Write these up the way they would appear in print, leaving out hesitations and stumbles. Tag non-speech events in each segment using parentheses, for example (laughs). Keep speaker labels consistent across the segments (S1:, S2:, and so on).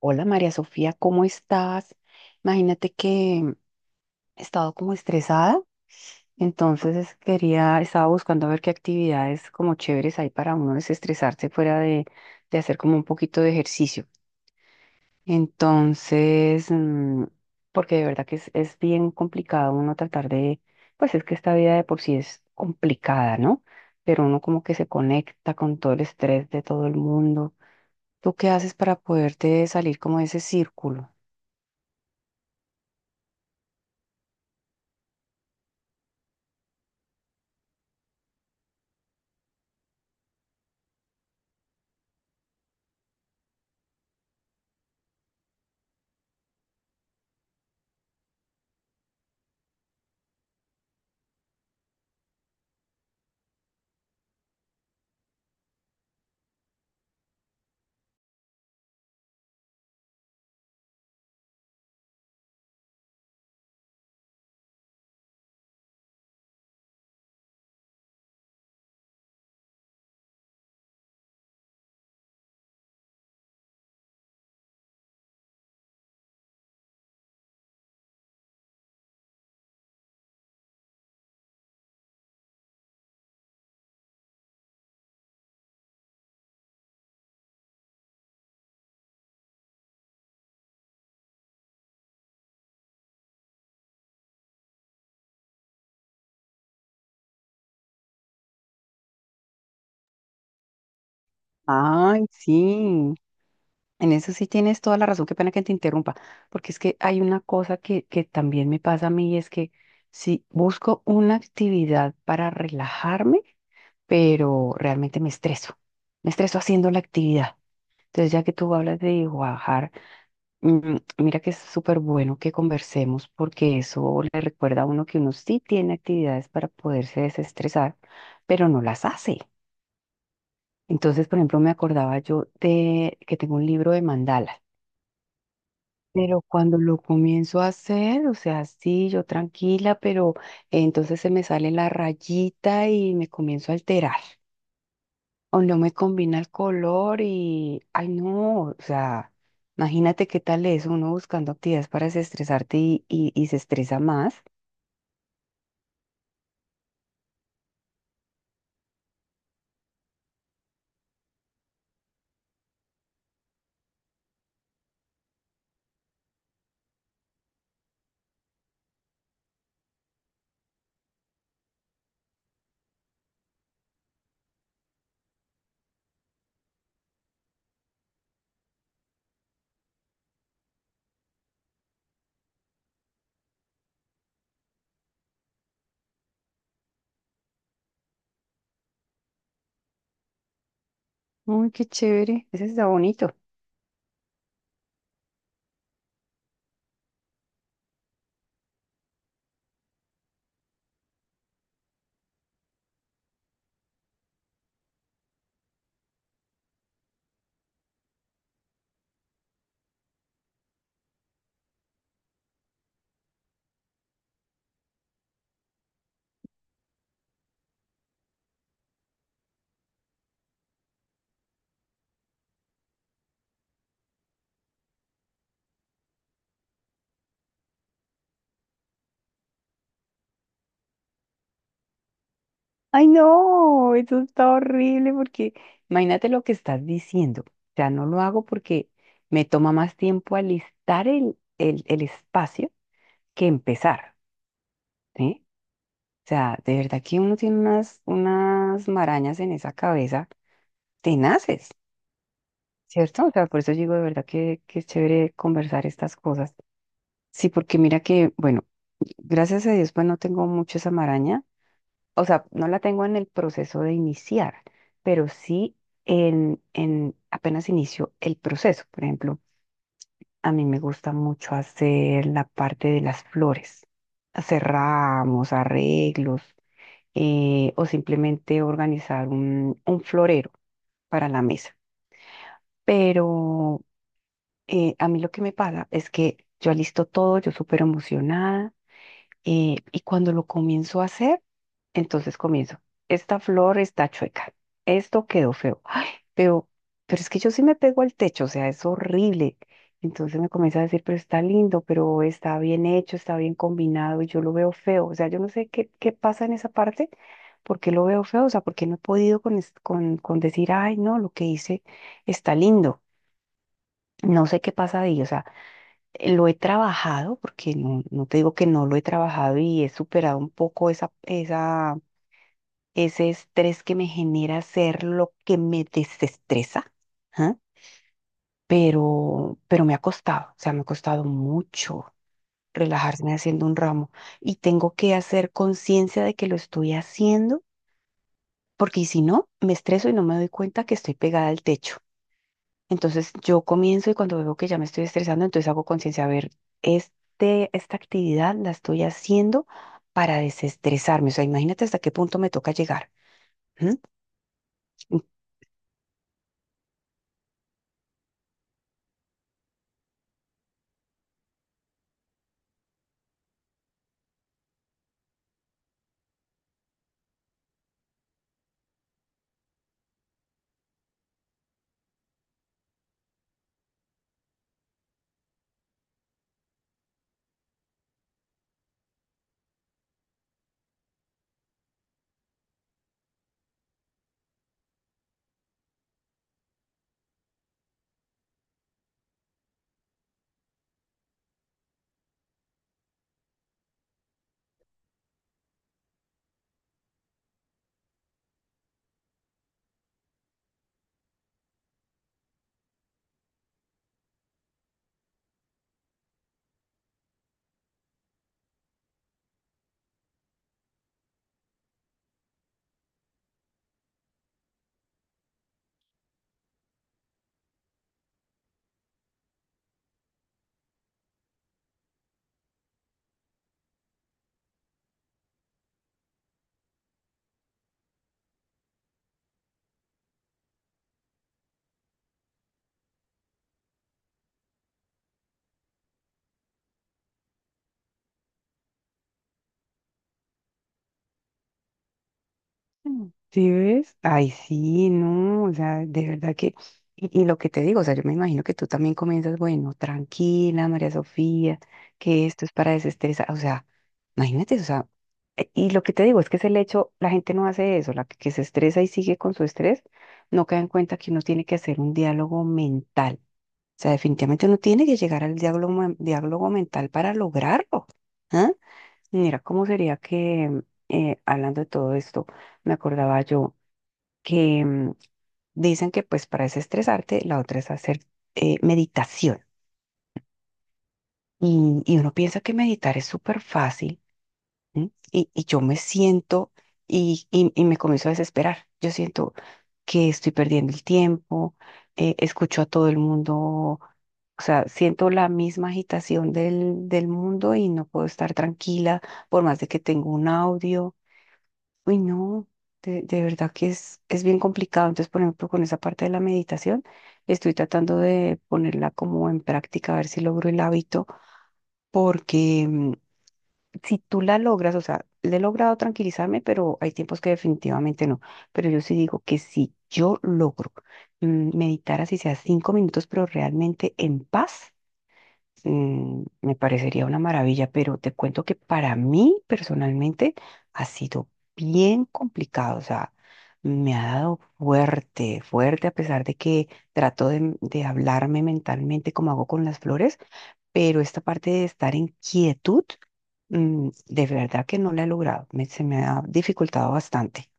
S1: Hola María Sofía, ¿cómo estás? Imagínate que he estado como estresada, entonces quería, estaba buscando a ver qué actividades como chéveres hay para uno desestresarse fuera de hacer como un poquito de ejercicio. Entonces, porque de verdad que es bien complicado uno tratar de, pues es que esta vida de por sí es complicada, ¿no? Pero uno como que se conecta con todo el estrés de todo el mundo. ¿Tú qué haces para poderte salir como de ese círculo? Ay, sí, en eso sí tienes toda la razón, qué pena que te interrumpa, porque es que hay una cosa que también me pasa a mí, y es que si busco una actividad para relajarme, pero realmente me estreso haciendo la actividad. Entonces, ya que tú hablas de bajar, mira que es súper bueno que conversemos porque eso le recuerda a uno que uno sí tiene actividades para poderse desestresar, pero no las hace. Entonces, por ejemplo, me acordaba yo de que tengo un libro de mandalas, pero cuando lo comienzo a hacer, o sea, sí, yo tranquila, pero entonces se me sale la rayita y me comienzo a alterar, o no me combina el color y, ay, no, o sea, imagínate qué tal es uno buscando actividades para desestresarte y se estresa más. Uy, qué chévere, ese está bonito. Ay, no, eso está horrible porque imagínate lo que estás diciendo. O sea, no lo hago porque me toma más tiempo alistar el espacio que empezar, ¿sí? O sea, de verdad que uno tiene unas marañas en esa cabeza tenaces, ¿cierto? O sea, por eso digo de verdad que es chévere conversar estas cosas. Sí, porque mira que, bueno, gracias a Dios, pues no tengo mucho esa maraña, o sea, no la tengo en el proceso de iniciar, pero sí en apenas inicio el proceso. Por ejemplo, a mí me gusta mucho hacer la parte de las flores, hacer ramos, arreglos, o simplemente organizar un florero para la mesa. Pero a mí lo que me pasa es que yo alisto todo, yo súper emocionada. Y cuando lo comienzo a hacer, entonces comienzo. Esta flor está chueca. Esto quedó feo. Pero, pero es que yo sí me pego al techo, o sea, es horrible. Entonces me comienza a decir, pero está lindo, pero está bien hecho, está bien combinado y yo lo veo feo. O sea, yo no sé qué pasa en esa parte, por qué lo veo feo, o sea, ¿por qué no he podido con decir, ay, no, lo que hice está lindo. No sé qué pasa ahí, o sea. Lo he trabajado, porque no, no te digo que no lo he trabajado y he superado un poco ese estrés que me genera hacer lo que me desestresa, ¿ah? Pero me ha costado, o sea, me ha costado mucho relajarme haciendo un ramo y tengo que hacer conciencia de que lo estoy haciendo, porque si no, me estreso y no me doy cuenta que estoy pegada al techo. Entonces yo comienzo y cuando veo que ya me estoy estresando, entonces hago conciencia, a ver, esta actividad la estoy haciendo para desestresarme. O sea, imagínate hasta qué punto me toca llegar. ¿M? ¿Sí ves? Ay, sí, no, o sea, de verdad que, y, lo que te digo, o sea, yo me imagino que tú también comienzas, bueno, tranquila, María Sofía, que esto es para desestresar, o sea, imagínate, o sea, y lo que te digo es que es el hecho, la gente no hace eso, la que se estresa y sigue con su estrés, no cae en cuenta que uno tiene que hacer un diálogo mental, o sea, definitivamente uno tiene que llegar al diálogo, diálogo mental para lograrlo, ¿ah? Mira, ¿cómo sería que, hablando de todo esto, me acordaba yo que dicen que pues para desestresarte, la otra es hacer meditación. Y uno piensa que meditar es súper fácil, ¿sí? Y yo me siento y me comienzo a desesperar. Yo siento que estoy perdiendo el tiempo, escucho a todo el mundo, o sea, siento la misma agitación del mundo y no puedo estar tranquila por más de que tengo un audio. Uy, no, de verdad que es bien complicado. Entonces, por ejemplo, con esa parte de la meditación, estoy tratando de ponerla como en práctica, a ver si logro el hábito, porque si tú la logras, o sea, le he logrado tranquilizarme, pero hay tiempos que definitivamente no. Pero yo sí digo que si yo logro meditar así sea 5 minutos, pero realmente en paz. Me parecería una maravilla, pero te cuento que para mí personalmente ha sido bien complicado, o sea, me ha dado fuerte, fuerte, a pesar de que trato de hablarme mentalmente como hago con las flores, pero esta parte de estar en quietud, de verdad que no la he logrado, se me ha dificultado bastante.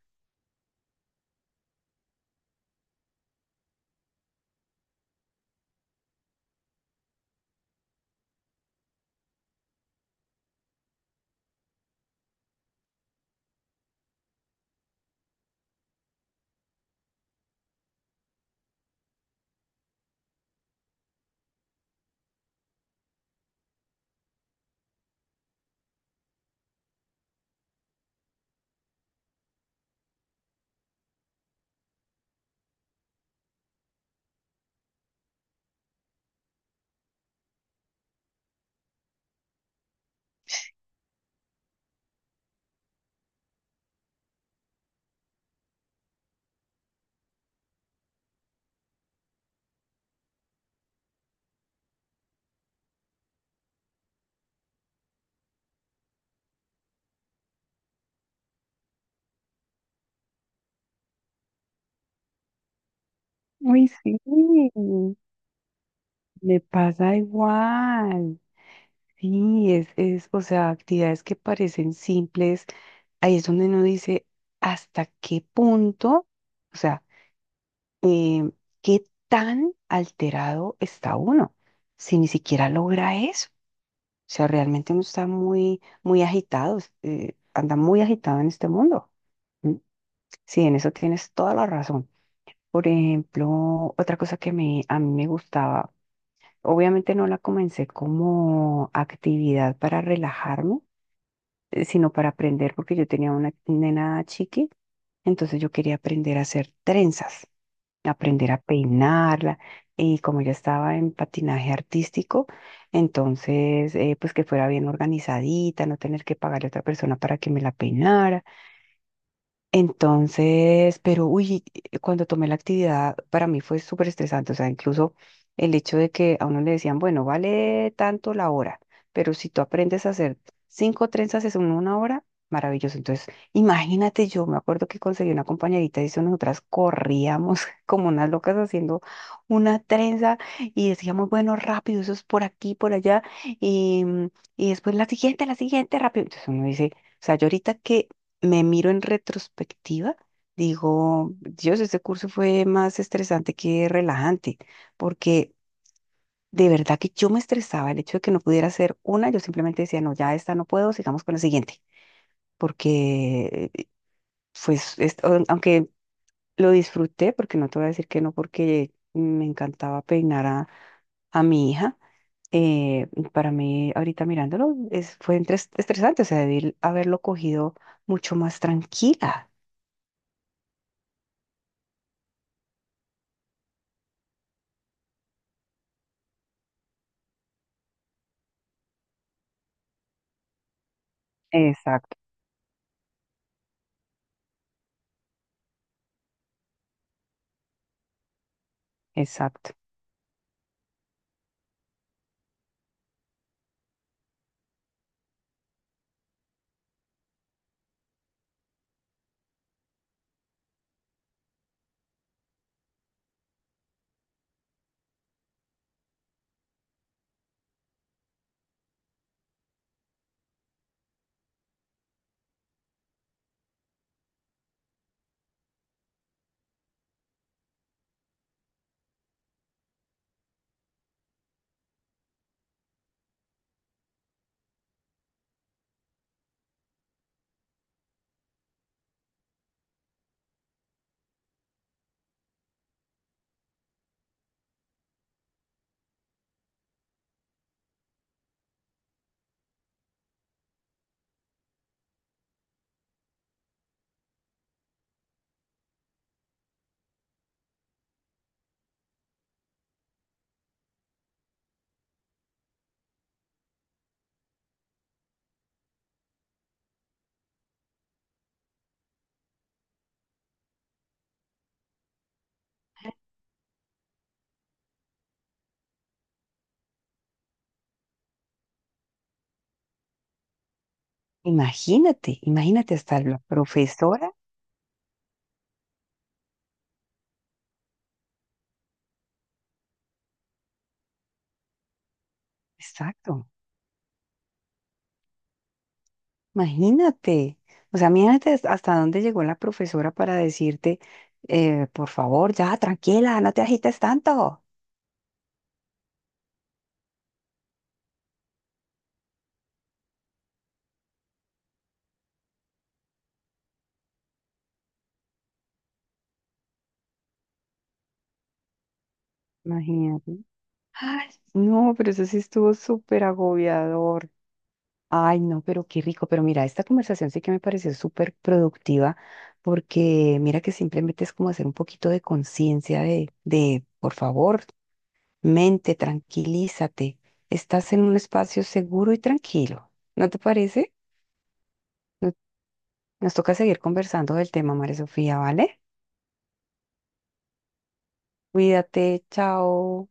S1: Uy, sí. Me pasa, ahí es donde uno dice hasta qué punto, o sea, em, qué tan alterado está uno si ni siquiera logra eso. O sea, realmente uno está muy, muy agitado, anda muy agitado en este mundo. ¿M? Sí, en eso tienes toda la razón. Por ejemplo, otra cosa que a mí me gustaba, obviamente no la comencé como actividad para relajarme, sino para aprender, porque yo tenía una nena chiqui. Entonces yo quería aprender a hacer trenzas, aprender a peinarla. Y como yo estaba en patinaje artístico, entonces pues que fuera bien organizadita, no tener que pagarle a otra persona para que me la peinara, entonces, pero uy, cuando tomé la actividad, para mí fue súper estresante. O sea, incluso el hecho de que a uno le decían, bueno, vale tanto la hora, pero si tú aprendes a hacer cinco trenzas en una hora, maravilloso. Entonces, imagínate, yo me acuerdo que conseguí una compañerita y eso nosotras corríamos (laughs) como unas locas haciendo una trenza y decíamos, bueno, rápido, eso es por aquí, por allá, y, y después la siguiente, rápido. Entonces uno dice, o sea, yo ahorita que me miro en retrospectiva, digo, Dios, este curso fue más estresante que relajante, porque de verdad que yo me estresaba el hecho de que no pudiera hacer una, yo simplemente decía, no, ya esta no puedo, sigamos con la siguiente, porque pues, aunque lo disfruté, porque no te voy a decir que no, porque me encantaba peinar a mi hija. Para mí, ahorita mirándolo, fue estresante, o sea, debí haberlo cogido mucho más tranquila. Exacto. Exacto. Imagínate, imagínate hasta la profesora. Exacto. Imagínate. O sea, imagínate hasta dónde llegó la profesora para decirte, por favor, ya, tranquila, no te agites tanto. Imagínate. Ay, no, pero eso sí estuvo súper agobiador. Ay, no, pero qué rico. Pero mira, esta conversación sí que me pareció súper productiva porque mira que simplemente es como hacer un poquito de conciencia de, por favor. Mente, tranquilízate. Estás en un espacio seguro y tranquilo. ¿No te parece? No- Nos toca seguir conversando del tema, María Sofía, ¿vale? Cuídate, chao.